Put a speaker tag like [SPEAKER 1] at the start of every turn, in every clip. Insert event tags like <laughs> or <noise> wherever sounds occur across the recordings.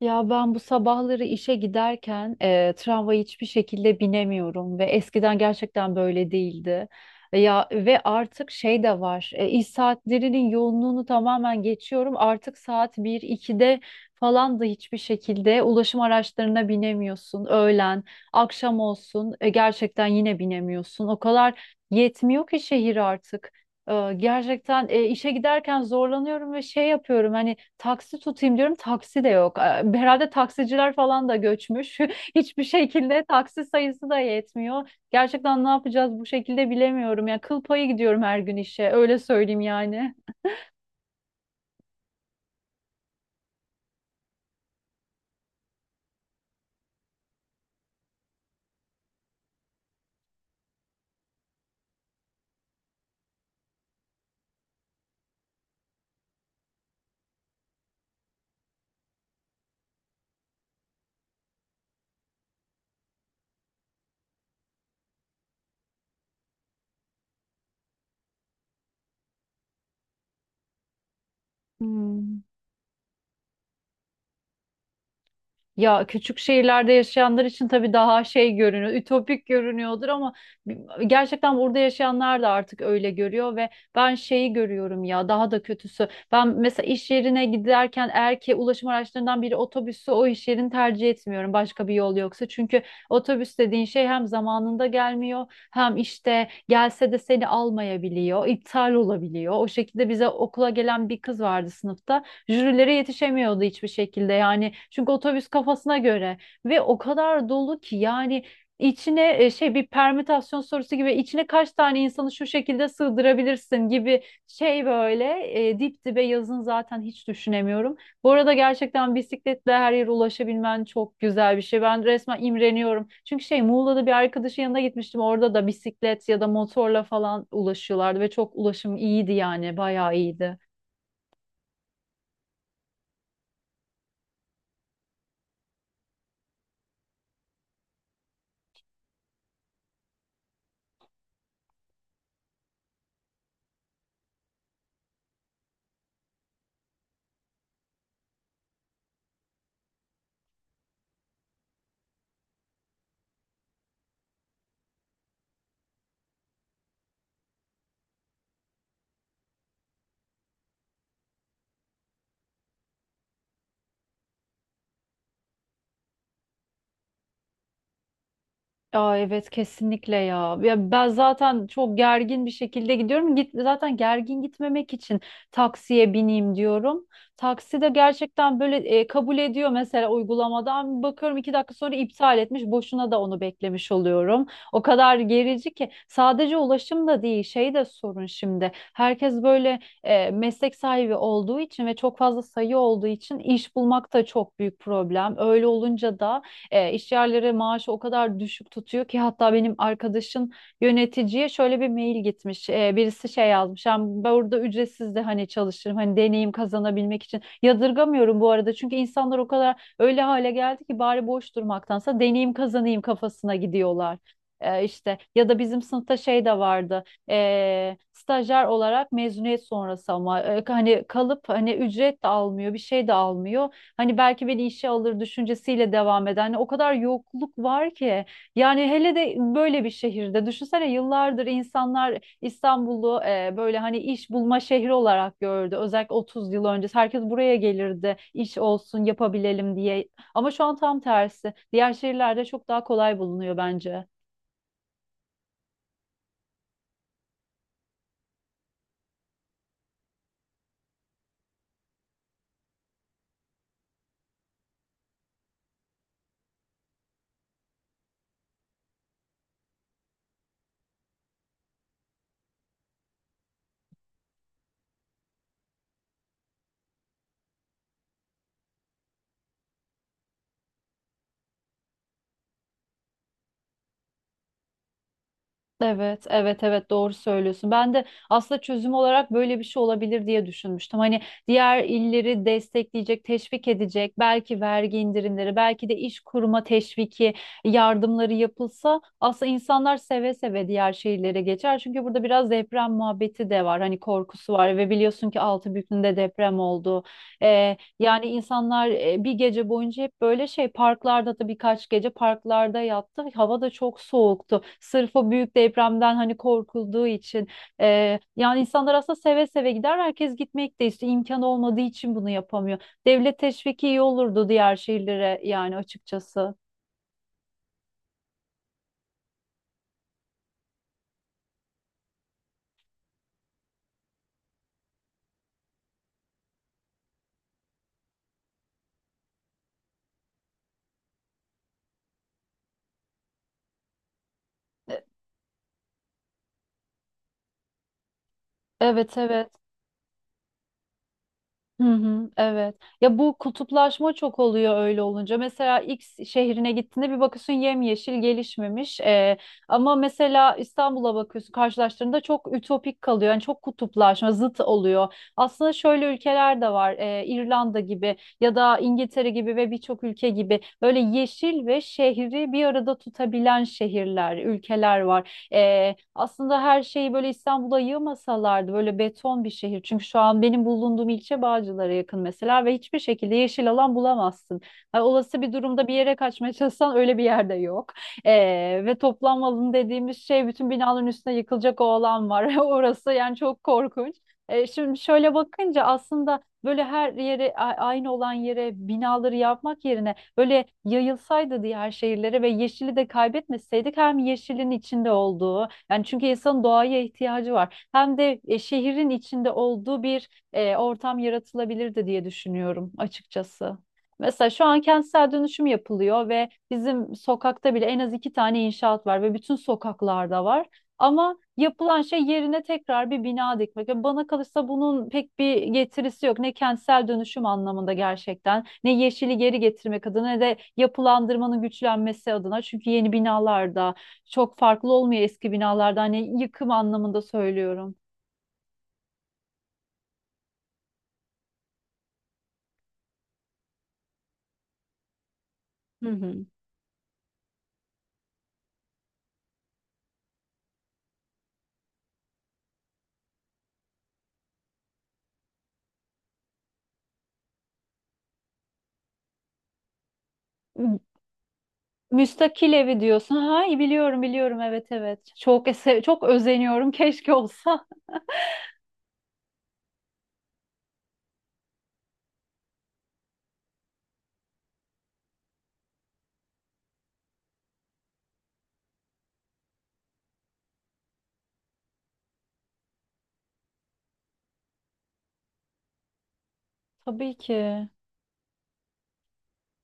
[SPEAKER 1] Ya ben bu sabahları işe giderken tramvaya hiçbir şekilde binemiyorum ve eskiden gerçekten böyle değildi. Ya ve artık şey de var. İş saatlerinin yoğunluğunu tamamen geçiyorum. Artık saat 1-2'de falan da hiçbir şekilde ulaşım araçlarına binemiyorsun. Öğlen, akşam olsun gerçekten yine binemiyorsun. O kadar yetmiyor ki şehir artık. Gerçekten işe giderken zorlanıyorum ve şey yapıyorum, hani taksi tutayım diyorum, taksi de yok. Herhalde taksiciler falan da göçmüş. <laughs> Hiçbir şekilde taksi sayısı da yetmiyor. Gerçekten ne yapacağız bu şekilde bilemiyorum. Ya kıl payı gidiyorum her gün işe, öyle söyleyeyim yani. Hmm. Ya küçük şehirlerde yaşayanlar için tabii daha şey görünüyor, ütopik görünüyordur ama bi- gerçekten burada yaşayanlar da artık öyle görüyor ve ben şeyi görüyorum, ya daha da kötüsü. Ben mesela iş yerine giderken, eğer ki ulaşım araçlarından biri otobüsü, o iş yerini tercih etmiyorum başka bir yol yoksa. Çünkü otobüs dediğin şey hem zamanında gelmiyor, hem işte gelse de seni almayabiliyor, iptal olabiliyor. O şekilde bize okula gelen bir kız vardı sınıfta. Jürilere yetişemiyordu hiçbir şekilde yani. Çünkü otobüs kafasına göre ve o kadar dolu ki yani içine şey, bir permütasyon sorusu gibi içine kaç tane insanı şu şekilde sığdırabilirsin gibi, şey böyle dip dibe, yazın zaten hiç düşünemiyorum. Bu arada gerçekten bisikletle her yere ulaşabilmen çok güzel bir şey. Ben resmen imreniyorum. Çünkü şey, Muğla'da bir arkadaşın yanına gitmiştim. Orada da bisiklet ya da motorla falan ulaşıyorlardı ve çok ulaşım iyiydi, yani bayağı iyiydi. Aa, evet kesinlikle ya. Ya ben zaten çok gergin bir şekilde gidiyorum. Zaten gergin gitmemek için taksiye bineyim diyorum. Taksi de gerçekten böyle kabul ediyor mesela uygulamadan. Bakıyorum iki dakika sonra iptal etmiş. Boşuna da onu beklemiş oluyorum. O kadar gerici ki, sadece ulaşım da değil, şey de sorun şimdi. Herkes böyle meslek sahibi olduğu için ve çok fazla sayı olduğu için iş bulmak da çok büyük problem. Öyle olunca da işyerleri maaşı o kadar düşük tutuyor ki, hatta benim arkadaşın yöneticiye şöyle bir mail gitmiş. Birisi şey yazmış. Yani ben burada ücretsiz de hani çalışırım. Hani deneyim kazanabilmek için. Yadırgamıyorum bu arada. Çünkü insanlar o kadar öyle hale geldi ki bari boş durmaktansa deneyim kazanayım kafasına gidiyorlar. İşte ya da bizim sınıfta şey de vardı, stajyer olarak mezuniyet sonrası, ama hani kalıp hani ücret de almıyor, bir şey de almıyor. Hani belki beni işe alır düşüncesiyle devam eden, hani o kadar yokluk var ki yani. Hele de böyle bir şehirde düşünsene, yıllardır insanlar İstanbul'u böyle hani iş bulma şehri olarak gördü. Özellikle 30 yıl önce herkes buraya gelirdi, iş olsun yapabilelim diye. Ama şu an tam tersi. Diğer şehirlerde çok daha kolay bulunuyor bence. Evet, evet, evet, doğru söylüyorsun. Ben de aslında çözüm olarak böyle bir şey olabilir diye düşünmüştüm. Hani diğer illeri destekleyecek, teşvik edecek, belki vergi indirimleri, belki de iş kurma teşviki, yardımları yapılsa aslında insanlar seve seve diğer şehirlere geçer. Çünkü burada biraz deprem muhabbeti de var. Hani korkusu var ve biliyorsun ki Altınbükü'nde deprem oldu. Yani insanlar bir gece boyunca hep böyle şey parklarda, da birkaç gece parklarda yattı. Hava da çok soğuktu. Sırf o büyük depremden hani korkulduğu için. Yani insanlar aslında seve seve gider. Herkes gitmek de istiyor. İmkan olmadığı için bunu yapamıyor. Devlet teşviki iyi olurdu diğer şehirlere yani, açıkçası. E, Evet evet. Hı hı, evet. Ya bu kutuplaşma çok oluyor öyle olunca. Mesela X şehrine gittiğinde bir bakıyorsun yemyeşil, gelişmemiş. Ama mesela İstanbul'a bakıyorsun, karşılaştığında çok ütopik kalıyor. Yani çok kutuplaşma, zıt oluyor. Aslında şöyle ülkeler de var. İrlanda gibi ya da İngiltere gibi ve birçok ülke gibi, böyle yeşil ve şehri bir arada tutabilen şehirler, ülkeler var. Aslında her şeyi böyle İstanbul'a yığmasalardı, böyle beton bir şehir. Çünkü şu an benim bulunduğum ilçe Bağcılar'a yakın mesela ve hiçbir şekilde yeşil alan bulamazsın. Ha, olası bir durumda bir yere kaçmaya <laughs> çalışsan, öyle bir yerde yok. Ve toplanma alanı dediğimiz şey, bütün binaların üstüne yıkılacak o alan var. <laughs> Orası yani çok korkunç. Şimdi şöyle bakınca, aslında böyle her yere aynı olan yere binaları yapmak yerine böyle yayılsaydı diğer şehirlere ve yeşili de kaybetmeseydik, hem yeşilin içinde olduğu, yani çünkü insanın doğaya ihtiyacı var, hem de şehrin içinde olduğu bir ortam yaratılabilirdi diye düşünüyorum açıkçası. Mesela şu an kentsel dönüşüm yapılıyor ve bizim sokakta bile en az iki tane inşaat var ve bütün sokaklarda var. Ama yapılan şey, yerine tekrar bir bina dikmek. Yani bana kalırsa bunun pek bir getirisi yok. Ne kentsel dönüşüm anlamında gerçekten, ne yeşili geri getirmek adına, ne de yapılandırmanın güçlenmesi adına. Çünkü yeni binalarda çok farklı olmuyor eski binalardan. Hani yıkım anlamında söylüyorum. Hı hı. M- Müstakil evi diyorsun. Ha, iyi biliyorum, biliyorum. Evet, evet. Çok çok özeniyorum. Keşke olsa. <laughs> Tabii ki.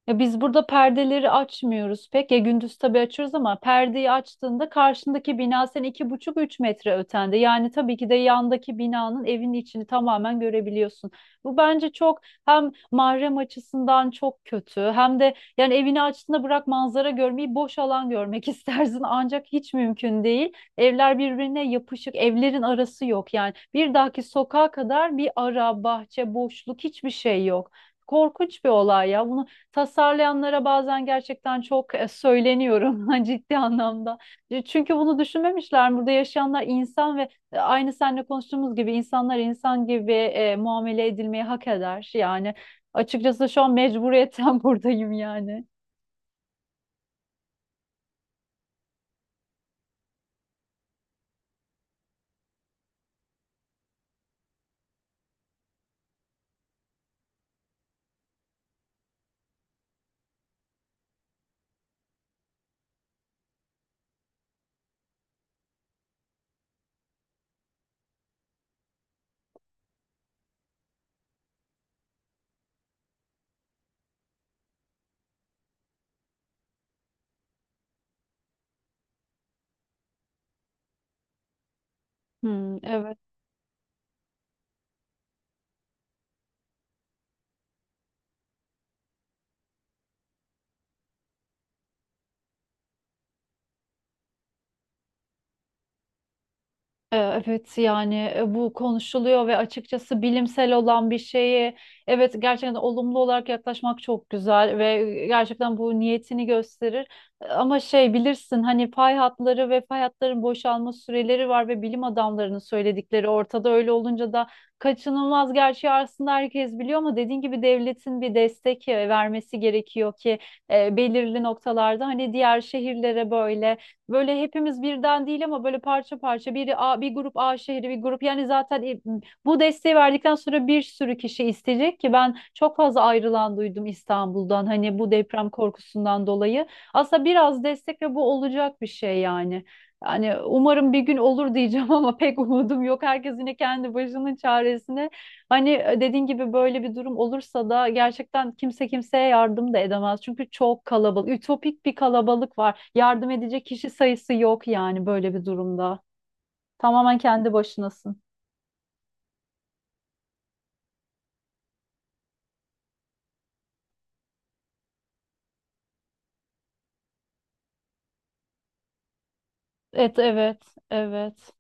[SPEAKER 1] Ya biz burada perdeleri açmıyoruz pek. Ya gündüz tabii açıyoruz, ama perdeyi açtığında karşındaki bina, sen iki buçuk üç metre ötende. Yani tabii ki de yandaki binanın evin içini tamamen görebiliyorsun. Bu bence çok, hem mahrem açısından çok kötü, hem de yani evini açtığında bırak manzara görmeyi, boş alan görmek <laughs> istersin, ancak hiç mümkün değil. Evler birbirine yapışık, evlerin arası yok. Yani bir dahaki sokağa kadar bir ara, bahçe, boşluk, hiçbir şey yok. Korkunç bir olay ya. Bunu tasarlayanlara bazen gerçekten çok söyleniyorum <laughs> ha, ciddi anlamda. Çünkü bunu düşünmemişler. Burada yaşayanlar insan ve aynı seninle konuştuğumuz gibi insanlar insan gibi muamele edilmeyi hak eder. Yani açıkçası şu an mecburiyetten <laughs> buradayım yani. Hmm, evet. Evet yani, bu konuşuluyor ve açıkçası bilimsel olan bir şeyi, evet, gerçekten olumlu olarak yaklaşmak çok güzel ve gerçekten bu niyetini gösterir. Ama şey, bilirsin hani pay hatları ve pay hatların boşalma süreleri var ve bilim adamlarının söyledikleri ortada, öyle olunca da kaçınılmaz gerçeği aslında herkes biliyor, ama dediğin gibi devletin bir destek vermesi gerekiyor ki belirli noktalarda, hani diğer şehirlere böyle hepimiz birden değil ama böyle parça parça, biri A, bir grup A şehri, bir grup, yani zaten bu desteği verdikten sonra bir sürü kişi isteyecek ki, ben çok fazla ayrılan duydum İstanbul'dan, hani bu deprem korkusundan dolayı. Aslında biraz destek ve bu olacak bir şey yani. Yani umarım bir gün olur diyeceğim <laughs> ama pek umudum yok. Herkes yine kendi başının çaresine. Hani, dediğin gibi böyle bir durum olursa da gerçekten kimse kimseye yardım da edemez. Çünkü çok kalabalık, ütopik bir kalabalık var. Yardım edecek kişi sayısı yok yani böyle bir durumda. Tamamen kendi başınasın. Evet, evet, evet.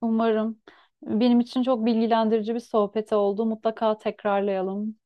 [SPEAKER 1] Umarım. Benim için çok bilgilendirici bir sohbet oldu. Mutlaka tekrarlayalım.